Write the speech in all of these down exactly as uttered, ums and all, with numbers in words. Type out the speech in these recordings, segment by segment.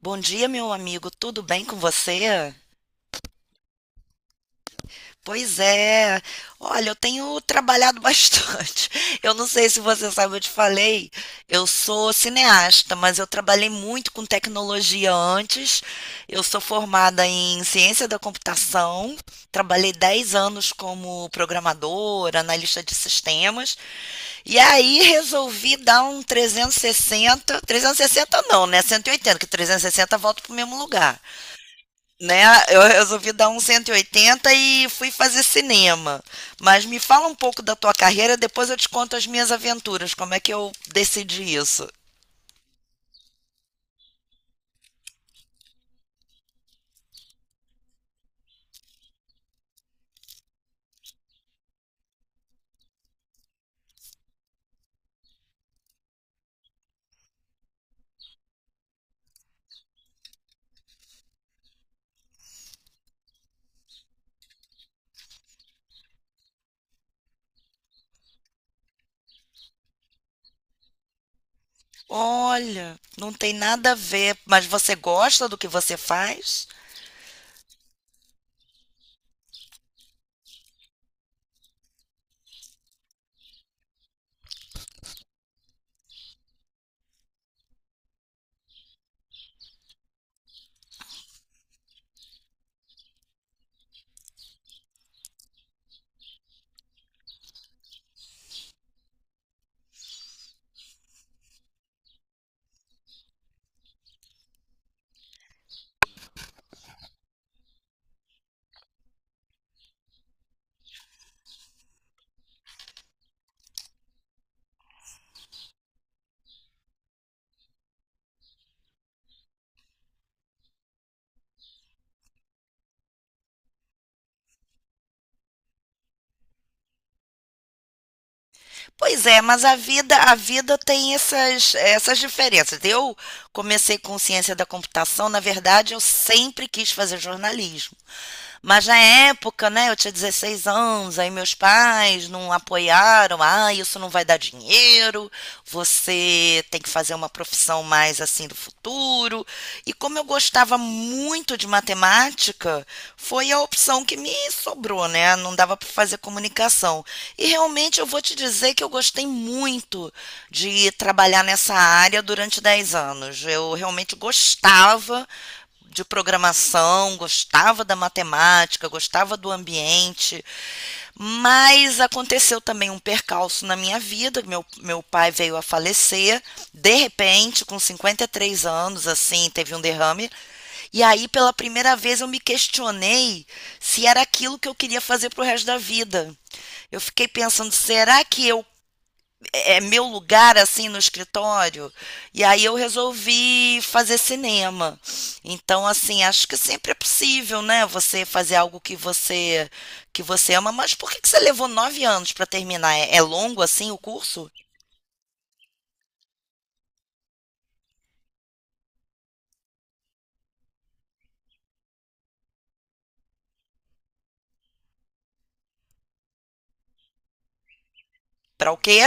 Bom dia, meu amigo. Tudo bem com você? Pois é. Olha, eu tenho trabalhado bastante. Eu não sei se você sabe, eu te falei. Eu sou cineasta, mas eu trabalhei muito com tecnologia antes. Eu sou formada em ciência da computação. Trabalhei dez anos como programadora, analista de sistemas. E aí resolvi dar um trezentos Trezentos e sessenta? Trezentos e sessenta não, né? Cento e oitenta, que trezentos e sessenta volta para o mesmo lugar. Né? Eu resolvi dar um cento e oitenta e oitenta e fui fazer cinema. Mas me fala um pouco da tua carreira, depois eu te conto as minhas aventuras, como é que eu decidi isso. Olha, não tem nada a ver, mas você gosta do que você faz? Pois é, mas a vida, a vida tem essas, essas diferenças. Eu comecei com ciência da computação, na verdade, eu sempre quis fazer jornalismo. Mas na época, né, eu tinha dezesseis anos, aí meus pais não apoiaram. Ah, isso não vai dar dinheiro, você tem que fazer uma profissão mais assim do futuro. E como eu gostava muito de matemática, foi a opção que me sobrou, né? Não dava para fazer comunicação. E realmente eu vou te dizer que eu gostei muito de trabalhar nessa área durante dez anos. Eu realmente gostava de programação, gostava da matemática, gostava do ambiente, mas aconteceu também um percalço na minha vida. Meu, meu pai veio a falecer, de repente, com cinquenta e três anos, assim, teve um derrame. E aí, pela primeira vez, eu me questionei se era aquilo que eu queria fazer pro resto da vida. Eu fiquei pensando, será que eu é é meu lugar assim no escritório. E aí eu resolvi fazer cinema. Então, assim, acho que sempre é possível, né? Você fazer algo que você que você ama. Mas por que que você levou nove anos para terminar? É, é longo assim o curso? Para o quê?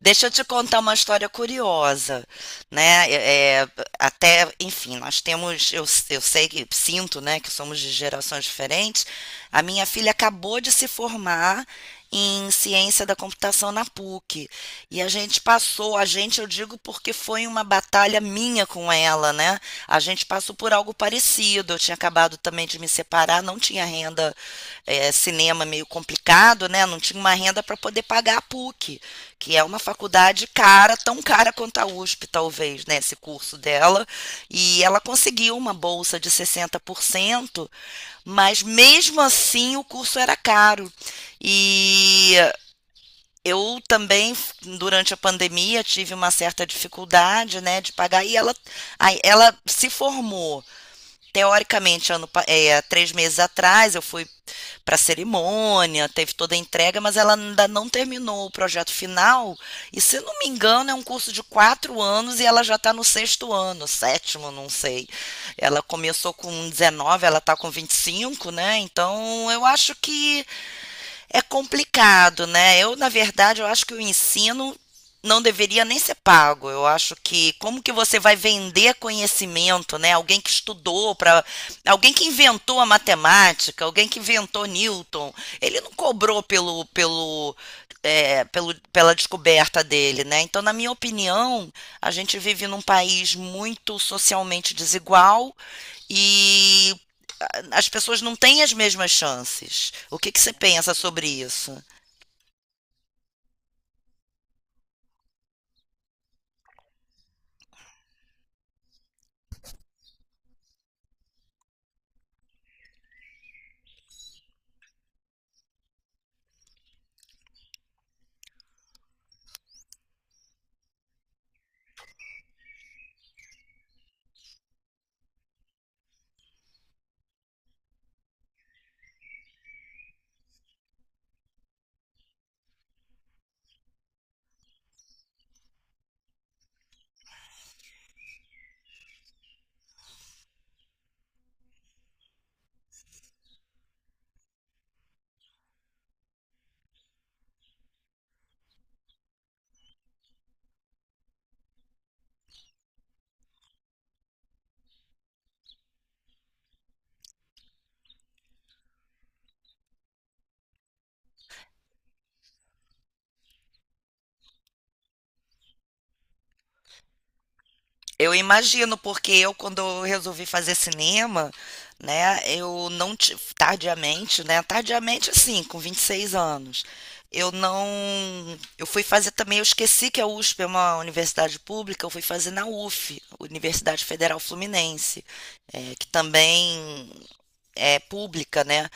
Deixa eu te contar uma história curiosa, né? É, é, até, enfim, nós temos, eu, eu sei que sinto, né, que somos de gerações diferentes. A minha filha acabou de se formar em ciência da computação na PUC. E a gente passou, a gente, eu digo porque foi uma batalha minha com ela, né? A gente passou por algo parecido. Eu tinha acabado também de me separar, não tinha renda, eh, cinema meio complicado, né? Não tinha uma renda para poder pagar a PUC, que é uma faculdade cara, tão cara quanto a USP, talvez, né, esse curso dela, e ela conseguiu uma bolsa de sessenta por cento, mas mesmo assim o curso era caro. E eu também, durante a pandemia, tive uma certa dificuldade, né, de pagar, e ela, ela se formou teoricamente ano, é, três meses atrás, eu fui para a cerimônia, teve toda a entrega, mas ela ainda não terminou o projeto final. E se não me engano, é um curso de quatro anos e ela já está no sexto ano, sétimo, não sei. Ela começou com dezenove, ela está com vinte e cinco, né? Então eu acho que é complicado, né? Eu, na verdade, eu acho que o ensino não deveria nem ser pago. Eu acho que como que você vai vender conhecimento, né? Alguém que estudou para, alguém que inventou a matemática, alguém que inventou Newton, ele não cobrou pelo pelo é, pelo, pela descoberta dele, né? Então, na minha opinião, a gente vive num país muito socialmente desigual e as pessoas não têm as mesmas chances. O que, que você pensa sobre isso? Eu imagino, porque eu, quando eu resolvi fazer cinema, né, eu não. ti- Tardiamente, né? Tardiamente, assim, com vinte e seis anos. Eu não. Eu fui fazer também, eu esqueci que a USP é uma universidade pública, eu fui fazer na U F, Universidade Federal Fluminense, é, que também é, pública, né?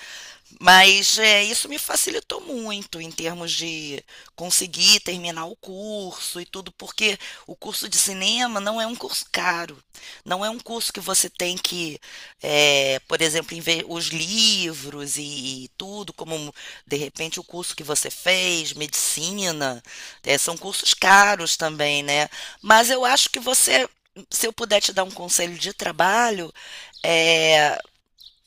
Mas é, isso me facilitou muito em termos de conseguir terminar o curso e tudo, porque o curso de cinema não é um curso caro, não é um curso que você tem que, é, por exemplo, inve- os livros e, e tudo, como de repente o curso que você fez, medicina, é, são cursos caros também, né? Mas eu acho que você, se eu puder te dar um conselho de trabalho, é,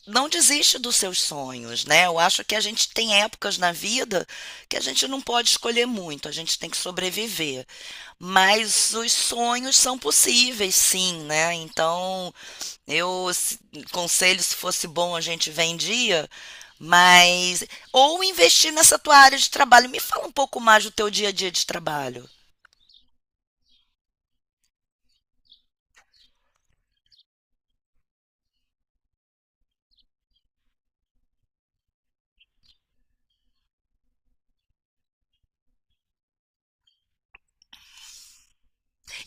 não desiste dos seus sonhos, né? Eu acho que a gente tem épocas na vida que a gente não pode escolher muito, a gente tem que sobreviver. Mas os sonhos são possíveis, sim, né? Então, eu se- conselho se fosse bom a gente vendia, mas ou investir nessa tua área de trabalho. Me fala um pouco mais do teu dia a dia de trabalho.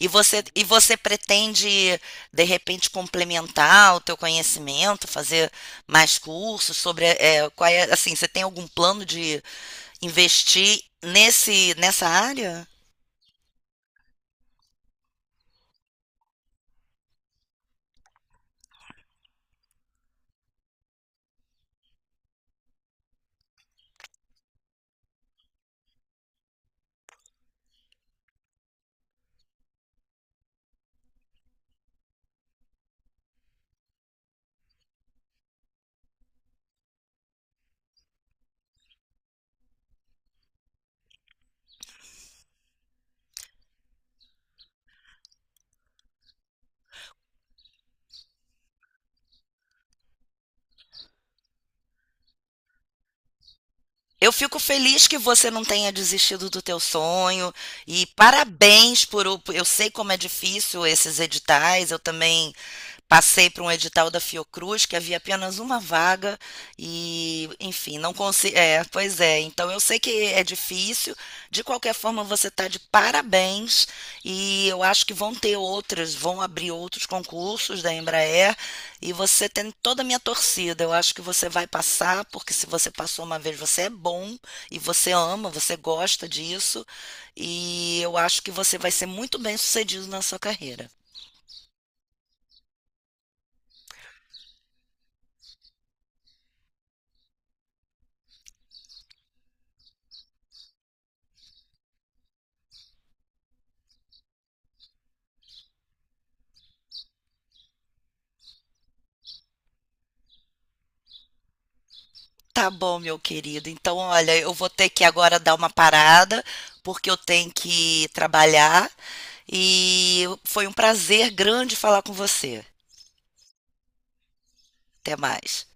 E você, e você pretende, de repente, complementar o teu conhecimento, fazer mais cursos sobre, é, qual é, assim, você tem algum plano de investir nesse, nessa área? Eu fico feliz que você não tenha desistido do teu sonho e parabéns por, o- eu sei como é difícil esses editais, eu também passei para um edital da Fiocruz, que havia apenas uma vaga, e, enfim, não consegui. É, pois é, então eu sei que é difícil. De qualquer forma, você está de parabéns, e eu acho que vão ter outras, vão abrir outros concursos da Embraer, e você tem toda a minha torcida. Eu acho que você vai passar, porque se você passou uma vez, você é bom, e você ama, você gosta disso, e eu acho que você vai ser muito bem sucedido na sua carreira. Tá bom, meu querido. Então, olha, eu vou ter que agora dar uma parada, porque eu tenho que trabalhar. E foi um prazer grande falar com você. Até mais.